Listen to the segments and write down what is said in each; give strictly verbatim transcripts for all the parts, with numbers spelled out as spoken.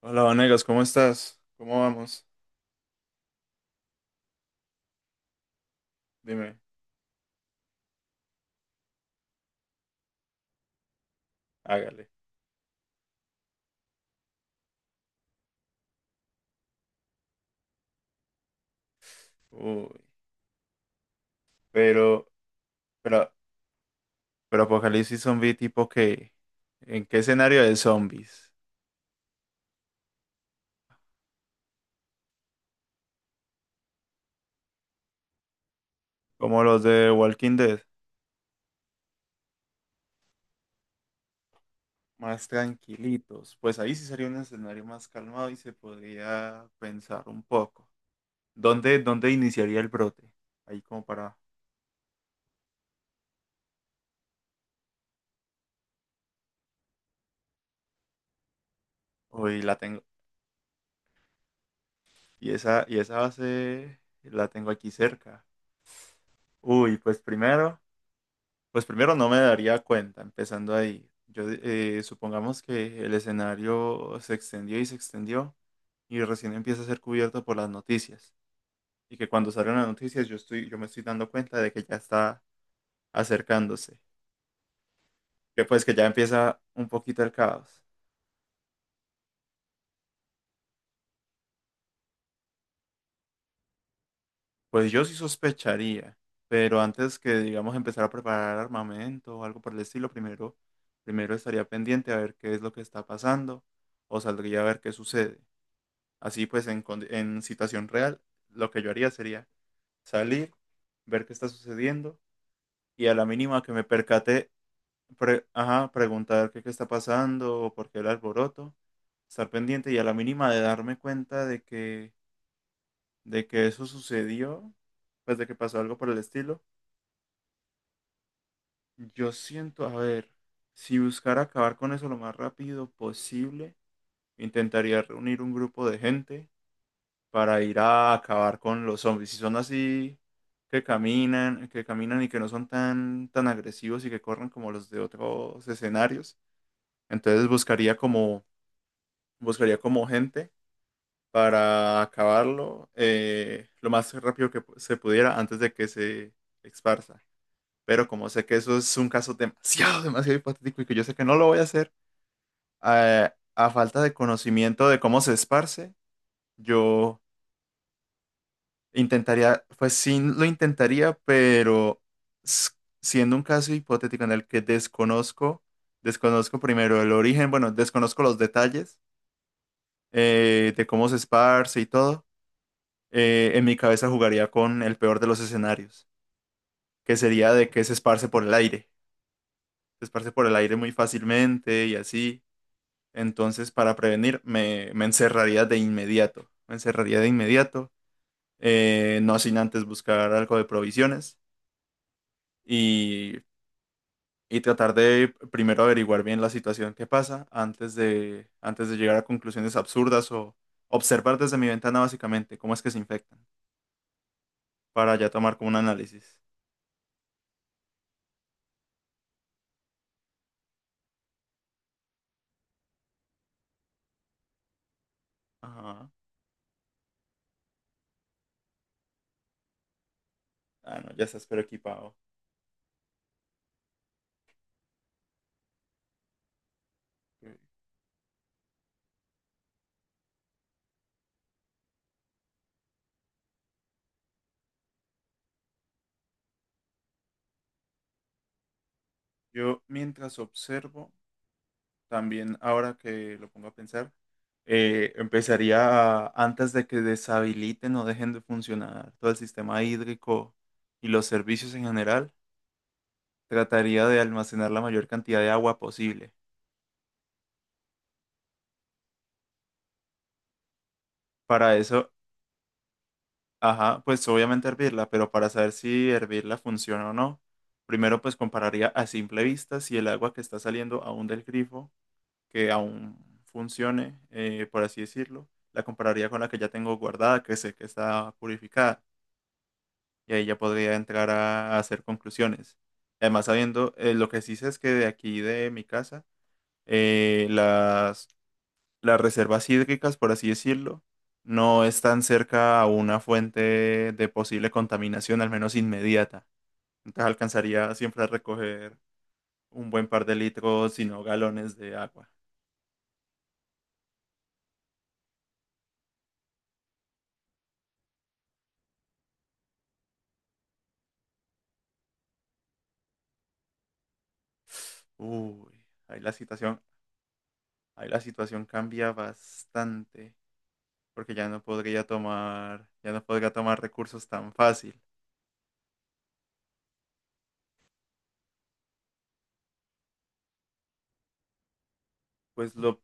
Hola, Vanegas, ¿cómo estás? ¿Cómo vamos? Dime, hágale. Uy, pero, pero, pero Apocalipsis Zombie tipo que, ¿en qué escenario de zombies? Como los de Walking Dead, más tranquilitos. Pues ahí sí sería un escenario más calmado y se podría pensar un poco. ¿Dónde, dónde iniciaría el brote? Ahí como para, uy, la tengo. Y esa, y esa base la tengo aquí cerca. Uy, pues primero. Pues primero no me daría cuenta, empezando ahí. Yo eh, supongamos que el escenario se extendió y se extendió y recién empieza a ser cubierto por las noticias. Y que cuando salen las noticias yo estoy, yo me estoy dando cuenta de que ya está acercándose. Que pues que ya empieza un poquito el caos. Pues yo sí sospecharía, pero antes que digamos empezar a preparar armamento o algo por el estilo, primero, primero estaría pendiente a ver qué es lo que está pasando o saldría a ver qué sucede. Así pues, en, condi- en situación real, lo que yo haría sería salir, ver qué está sucediendo y a la mínima que me percate, pre- ajá, preguntar qué, qué está pasando o por qué el alboroto, estar pendiente y a la mínima de darme cuenta de que, de que eso sucedió, pues de que pasó algo por el estilo. Yo siento, a ver, si buscara acabar con eso lo más rápido posible, intentaría reunir un grupo de gente para ir a acabar con los zombies. Si son así, que caminan, que caminan y que no son tan, tan agresivos y que corren como los de otros escenarios, entonces buscaría como, buscaría como gente para acabarlo eh, lo más rápido que pu- se pudiera antes de que se esparza. Pero como sé que eso es un caso demasiado, demasiado hipotético y que yo sé que no lo voy a hacer, eh, a falta de conocimiento de cómo se esparce, yo intentaría, pues sí lo intentaría, pero s- siendo un caso hipotético en el que desconozco, desconozco primero el origen, bueno, desconozco los detalles eh, de cómo se esparce y todo, eh, en mi cabeza jugaría con el peor de los escenarios, que sería de que se esparce por el aire, se esparce por el aire muy fácilmente y así. Entonces, para prevenir, me, me encerraría de inmediato, me encerraría de inmediato, eh, no sin antes buscar algo de provisiones. Y y tratar de primero averiguar bien la situación que pasa antes de, antes de llegar a conclusiones absurdas o observar desde mi ventana básicamente cómo es que se infectan para ya tomar como un análisis. Ajá. Ah, no, ya estás pero equipado. Eh, Yo mientras observo, también ahora que lo pongo a pensar, eh, empezaría a- antes de que deshabiliten o dejen de funcionar todo el sistema hídrico y los servicios en general, trataría de almacenar la mayor cantidad de agua posible. Para eso, ajá, pues obviamente hervirla, pero para saber si hervirla funciona o no, primero pues compararía a simple vista si el agua que está saliendo aún del grifo, que aún funcione, eh, por así decirlo, la compararía con la que ya tengo guardada, que sé que está purificada, y ahí ya podría entrar a, a hacer conclusiones. Además, sabiendo, eh, lo que sí sé es que de aquí de mi casa, eh, las reservas hídricas, por así decirlo, no están cerca a una fuente de posible contaminación, al menos inmediata. Entonces alcanzaría siempre a recoger un buen par de litros, si no galones de agua. Uy, ahí la situación, ahí la situación cambia bastante, porque ya no podría tomar, ya no podría tomar recursos tan fácil. Pues lo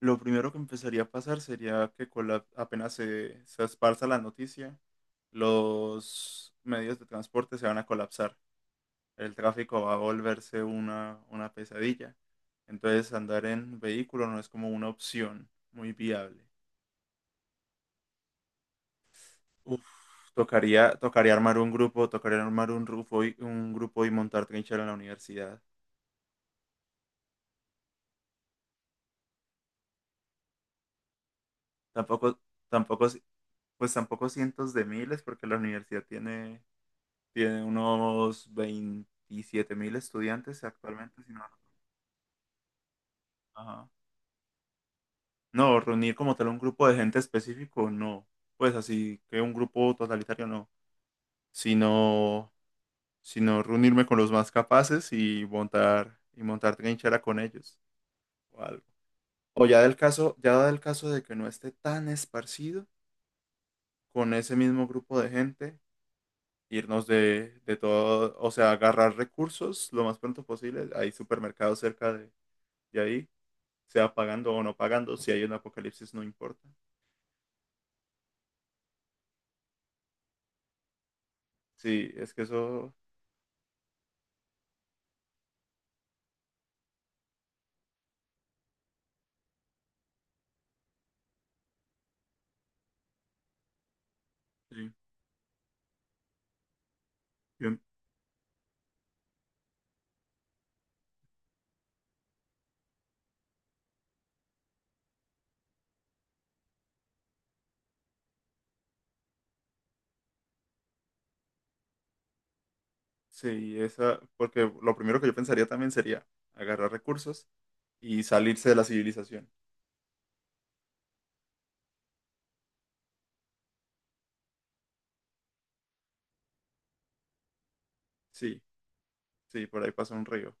Lo primero que empezaría a pasar sería que con la- apenas se, se esparza la noticia, los medios de transporte se van a colapsar. El tráfico va a volverse una, una pesadilla. Entonces andar en vehículo no es como una opción muy viable. Uf, tocaría, tocaría armar un grupo, tocaría armar un grupo y, un grupo y montar trinchera en la universidad. Tampoco, tampoco, pues tampoco cientos de miles, porque la universidad tiene, tiene unos veintisiete mil estudiantes actualmente, si no. Ajá. No, reunir como tal un grupo de gente específico, no. Pues así que un grupo totalitario, no. Sino, sino reunirme con los más capaces y montar, y montar trinchera con ellos o algo. O ya del caso, ya del caso de que no esté tan esparcido, con ese mismo grupo de gente, irnos de, de todo, o sea, agarrar recursos lo más pronto posible. Hay supermercados cerca de, de ahí sea pagando o no pagando, si hay un apocalipsis no importa. Sí, es que eso, sí, yo- sí, esa, porque lo primero que yo pensaría también sería agarrar recursos y salirse de la civilización. Sí, sí, por ahí pasa un río.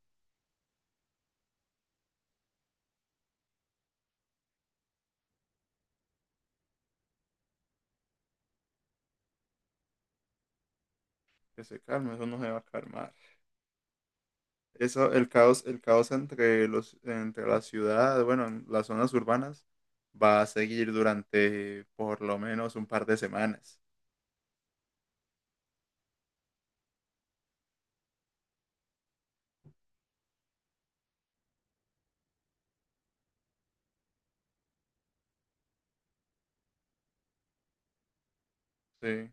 Que se calme, eso no se va a calmar. Eso, el caos, el caos entre los, entre la ciudad, bueno, en las zonas urbanas, va a seguir durante por lo menos un par de semanas. Sí.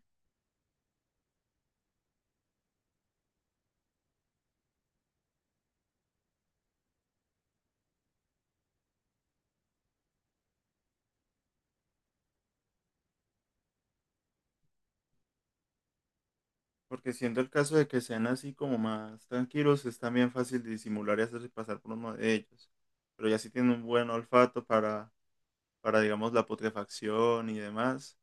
Porque siendo el caso de que sean así como más tranquilos, es también fácil disimular y hacerse pasar por uno de ellos. Pero ya si tienen un buen olfato para, para digamos, la putrefacción y demás,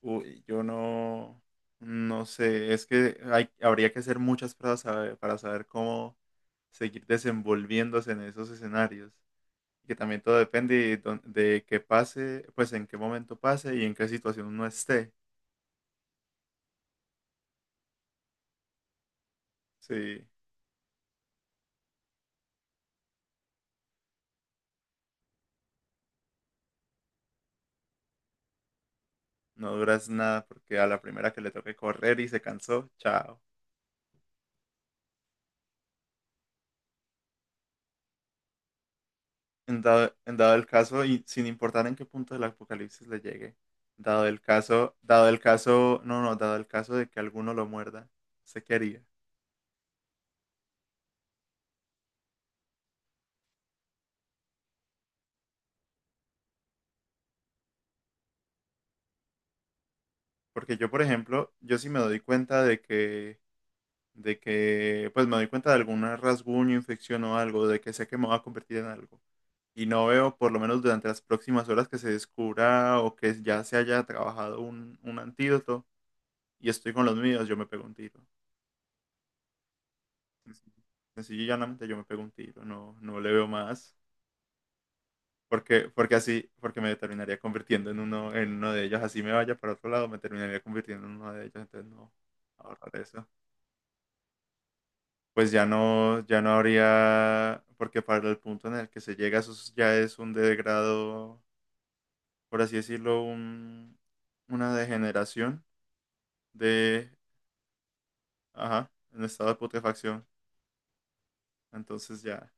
uy, yo no, no sé, es que hay, habría que hacer muchas pruebas sabe- para saber cómo seguir desenvolviéndose en esos escenarios. Y que también todo depende de, dónde- de qué pase, pues en qué momento pase y en qué situación uno esté. Sí. No duras nada porque a la primera que le toque correr y se cansó, chao. En dado, en dado el caso, y sin importar en qué punto del apocalipsis le llegue, dado el caso, dado el caso, no, no, dado el caso de que alguno lo muerda, ¿sé qué haría? Porque yo, por ejemplo, yo sí me doy cuenta de que, de que, pues me doy cuenta de algún rasguño, infección o algo, de que sé que me va a convertir en algo. Y no veo, por lo menos durante las próximas horas, que se descubra o que ya se haya trabajado un, un antídoto y estoy con los míos, yo me pego un tiro. Sencillo, sencillo y llanamente yo me pego un tiro, no, no le veo más. Porque, porque así, porque me terminaría convirtiendo en uno, en uno de ellos. Así me vaya para otro lado, me terminaría convirtiendo en uno de ellos. Entonces no, ahorrar eso. Pues ya no, ya no habría, porque para el punto en el que se llega, eso es- ya es un degrado, por así decirlo, un, una degeneración de, ajá, en estado de putrefacción. Entonces ya,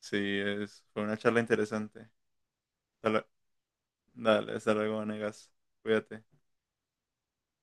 sí, es, fue una charla interesante. Hasta lue- Dale, hasta luego, negas. Cuídate.